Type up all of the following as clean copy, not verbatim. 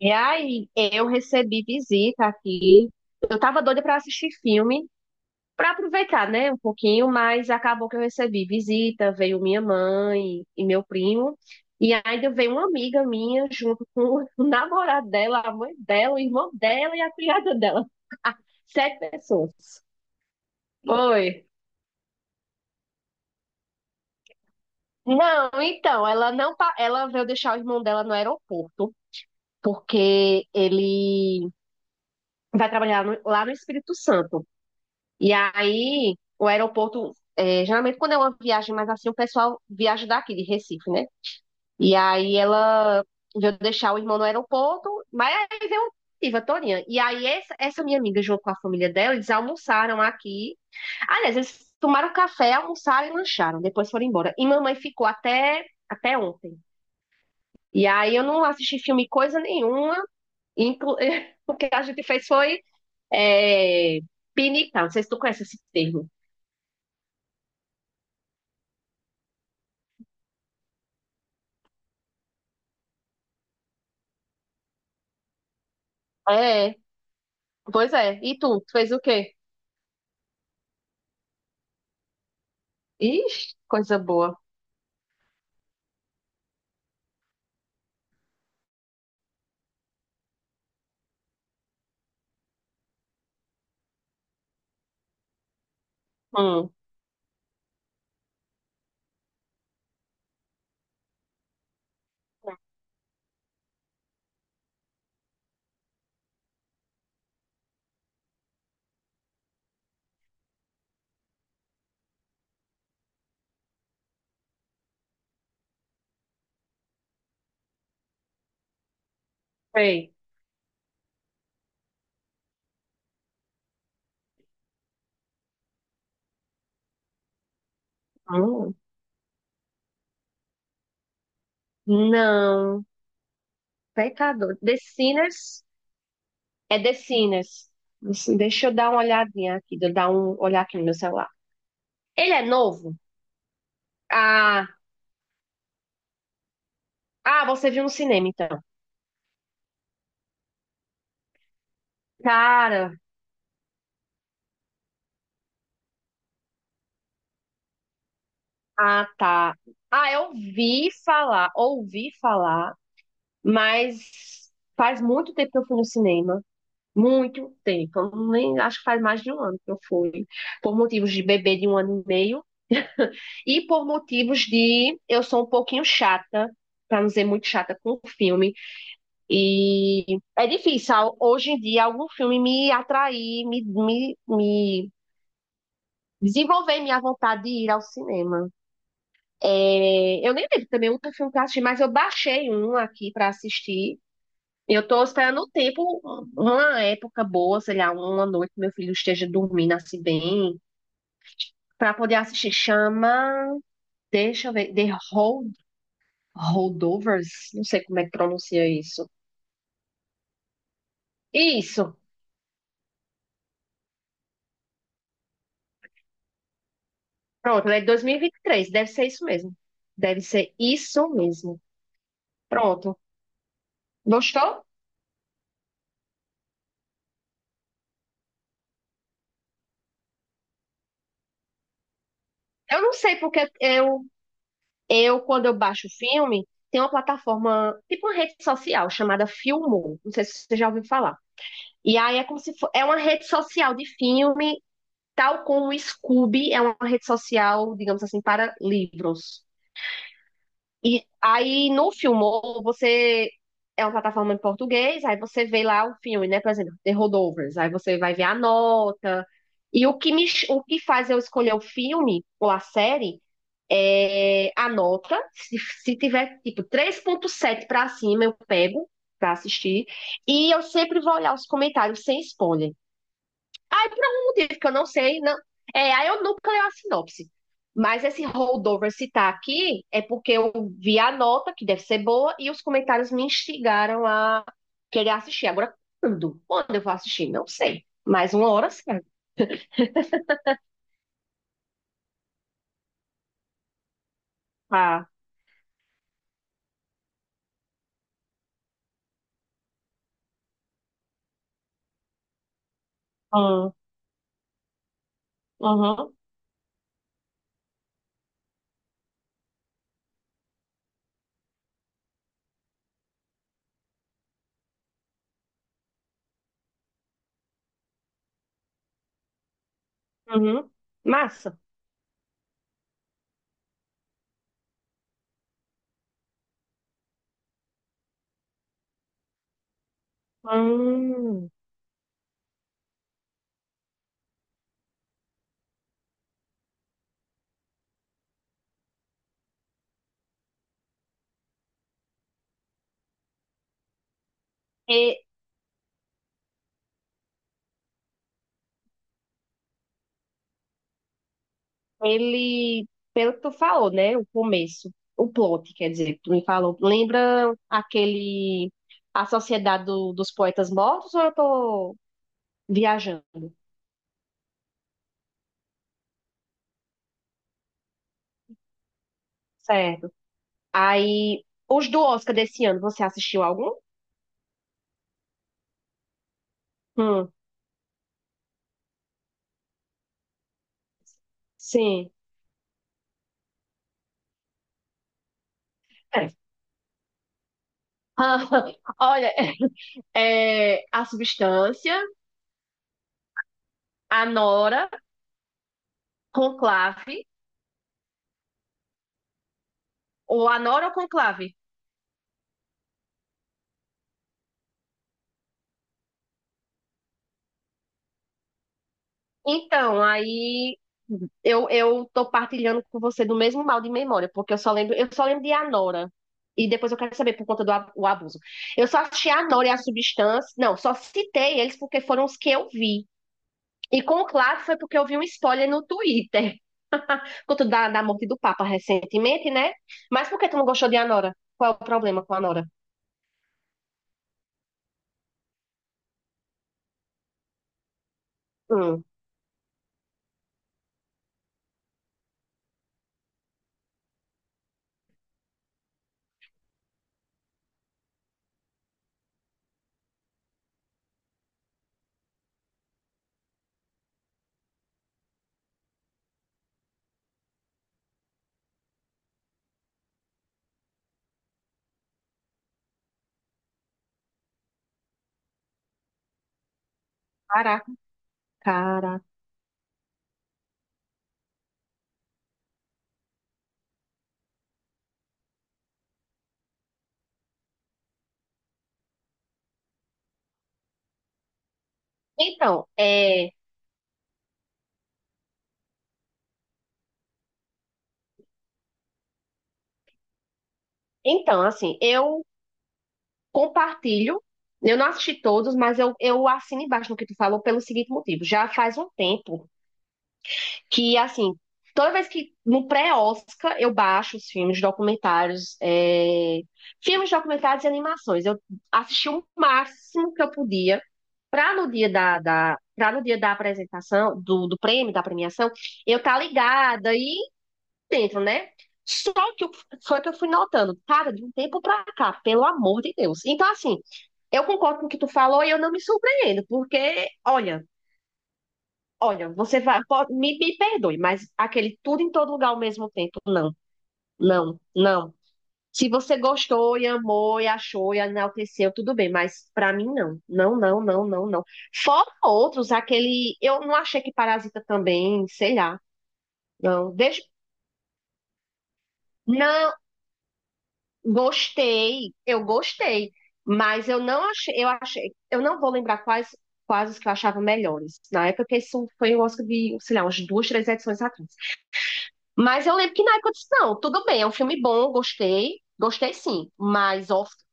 E aí, eu recebi visita aqui. Eu tava doida pra assistir filme, pra aproveitar, né, um pouquinho, mas acabou que eu recebi visita, veio minha mãe e meu primo, e ainda veio uma amiga minha junto com o namorado dela, a mãe dela, o irmão dela e a criada dela. Sete pessoas. Oi. Não, então, ela não, ela veio deixar o irmão dela no aeroporto, porque ele vai trabalhar lá no Espírito Santo. E aí, o aeroporto, geralmente quando é uma viagem mais assim, o pessoal viaja daqui, de Recife, né? E aí ela veio deixar o irmão no aeroporto, mas aí veio a Torinha. E aí essa minha amiga, junto com a família dela, eles almoçaram aqui. Aliás, eles tomaram café, almoçaram e lancharam, depois foram embora. E mamãe ficou até ontem. E aí eu não assisti filme coisa nenhuma, inclu... o que a gente fez foi é, pinicar, não sei se tu conhece esse termo. É, pois é. E tu? Tu fez o quê? Ixi, coisa boa. Hum, sei. Hum, não. Pecador. The Sinners? É The Sinners. Assim, deixa eu dar uma olhadinha aqui. Deixa eu dar um olhar aqui no meu celular. Ele é novo? Ah, ah, você viu no cinema, então. Cara, ah, tá. Ah, eu ouvi falar, mas faz muito tempo que eu fui no cinema. Muito tempo. Eu nem, acho que faz mais de um ano que eu fui. Por motivos de bebê de 1 ano e meio. E por motivos de eu sou um pouquinho chata, para não dizer muito chata com o filme. E é difícil hoje em dia algum filme me atrair, me desenvolver minha vontade de ir ao cinema. É, eu nem lembro também outro filme que eu assisti, mas eu baixei um aqui para assistir. Eu estou esperando o tempo, uma época boa, sei lá, uma noite que meu filho esteja dormindo assim bem, para poder assistir. Chama, deixa eu ver, Holdovers, não sei como é que pronuncia isso. Isso, pronto, é de 2023. Deve ser isso mesmo. Deve ser isso mesmo. Pronto. Gostou? Eu não sei porque eu quando eu baixo filme, tem uma plataforma, tipo uma rede social chamada Filmou. Não sei se você já ouviu falar. E aí é como se fo- é uma rede social de filme, tal como o Scoob é uma rede social, digamos assim, para livros. E aí no Filmou, você é uma plataforma em português, aí você vê lá o filme, né? Por exemplo, The Holdovers, aí você vai ver a nota. E o que faz eu escolher o filme ou a série é a nota. Se tiver tipo 3,7 para cima, eu pego para assistir. E eu sempre vou olhar os comentários sem spoiler. Aí, por algum motivo que eu não sei, não. É, aí eu nunca leio a sinopse. Mas esse holdover citar aqui é porque eu vi a nota, que deve ser boa, e os comentários me instigaram a querer assistir. Agora, quando? Quando eu vou assistir? Não sei. Mas uma hora certa. Ah, ah, aham, uhum, massa. Hum. E ele, pelo que tu falou, né? O começo, o plot, quer dizer, que tu me falou. Lembra aquele A Sociedade dos Poetas Mortos ou eu tô viajando? Certo. Aí, os do Oscar desse ano, você assistiu algum? Hum, sim. É. Olha, a substância, a Nora, conclave, ou a Nora ou conclave? Então, aí eu tô partilhando com você do mesmo mal de memória, porque eu só lembro de Anora. E depois eu quero saber por conta do a- o abuso. Eu só assisti a Anora e a Substância. Não, só citei eles porque foram os que eu vi. E com o Claro foi porque eu vi um spoiler no Twitter. Por conta da morte do Papa recentemente, né? Mas por que tu não gostou de Anora? Qual é o problema com a Anora? Hum, caraca, cara. Então, é, então, assim, eu compartilho. Eu não assisti todos, mas eu assino embaixo no que tu falou pelo seguinte motivo. Já faz um tempo que, assim, toda vez que no pré-Oscar eu baixo os filmes, documentários, e animações. Eu assisti o máximo que eu podia para no dia da apresentação, do prêmio, da premiação, eu tá ligada. E dentro, né? Só que eu, só que eu fui notando, cara, de um tempo pra cá, pelo amor de Deus. Então, assim, eu concordo com o que tu falou e eu não me surpreendo, porque, olha, olha, você vai, me perdoe, mas aquele tudo em todo lugar ao mesmo tempo, não, não, não. Se você gostou e amou e achou e enalteceu, tudo bem, mas pra mim não. Não, não, não, não, não. Fora outros, aquele. Eu não achei que Parasita também, sei lá. Não, deixa. Não, gostei, eu gostei, mas eu não achei, eu achei, eu não vou lembrar quais, os que eu achava melhores. Na época, porque isso foi o Oscar de, sei lá, umas duas, três edições atrás. Mas eu lembro que na época eu disse, não, tudo bem, é um filme bom, gostei, gostei sim, mas Oscar.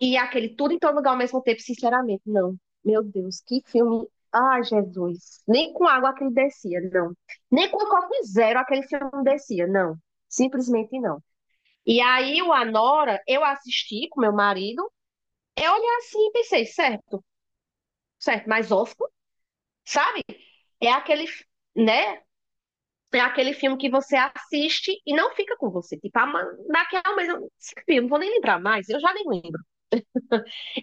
E aquele tudo em todo lugar ao mesmo tempo, sinceramente, não. Meu Deus, que filme. Ai, Jesus. Nem com água aquele descia, não. Nem com o copo zero aquele filme descia, não. Simplesmente não. E aí o Anora, eu assisti com meu marido, eu olhei assim e pensei, certo, certo, mas Oscar, sabe? É aquele, né? É aquele filme que você assiste e não fica com você. Tipo, ah, mas daqui a um mês, esse filme, não vou nem lembrar mais, eu já nem lembro.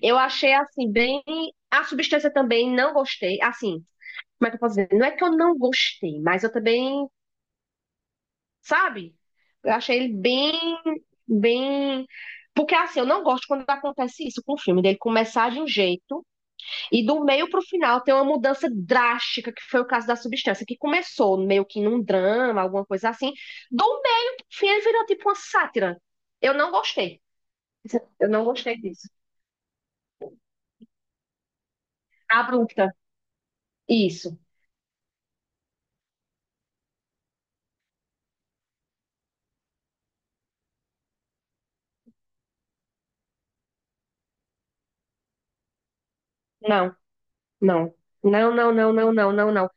Eu achei, assim, bem. A substância também não gostei, assim, como é que eu posso dizer? Não é que eu não gostei, mas eu também, sabe? Eu achei ele bem, bem. Porque, assim, eu não gosto quando acontece isso com o filme, dele começar de um jeito e do meio pro final tem uma mudança drástica, que foi o caso da substância, que começou meio que num drama, alguma coisa assim. Do meio pro fim ele virou tipo uma sátira. Eu não gostei. Eu não gostei disso. Abrupta. Isso. Não, não. Não, não, não, não, não, não, não.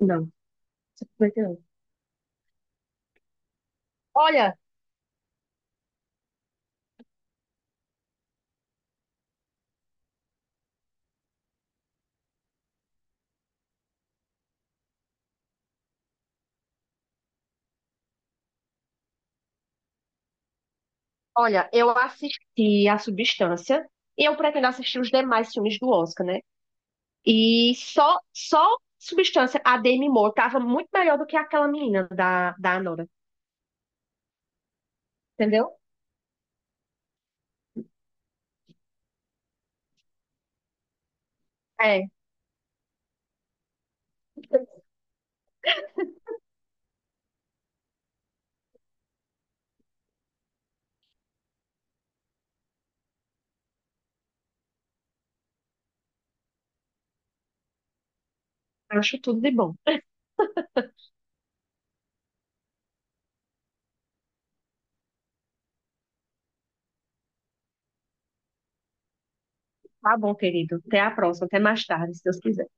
Não. Simplesmente não. Olha, olha, eu assisti a substância e eu pretendo assistir os demais filmes do Oscar, né? E só, só Substância, a Demi Moore, tava muito melhor do que aquela menina da Anora. Entendeu? É, acho tudo de bom. Tá bom, querido. Até a próxima, até mais tarde, se Deus quiser.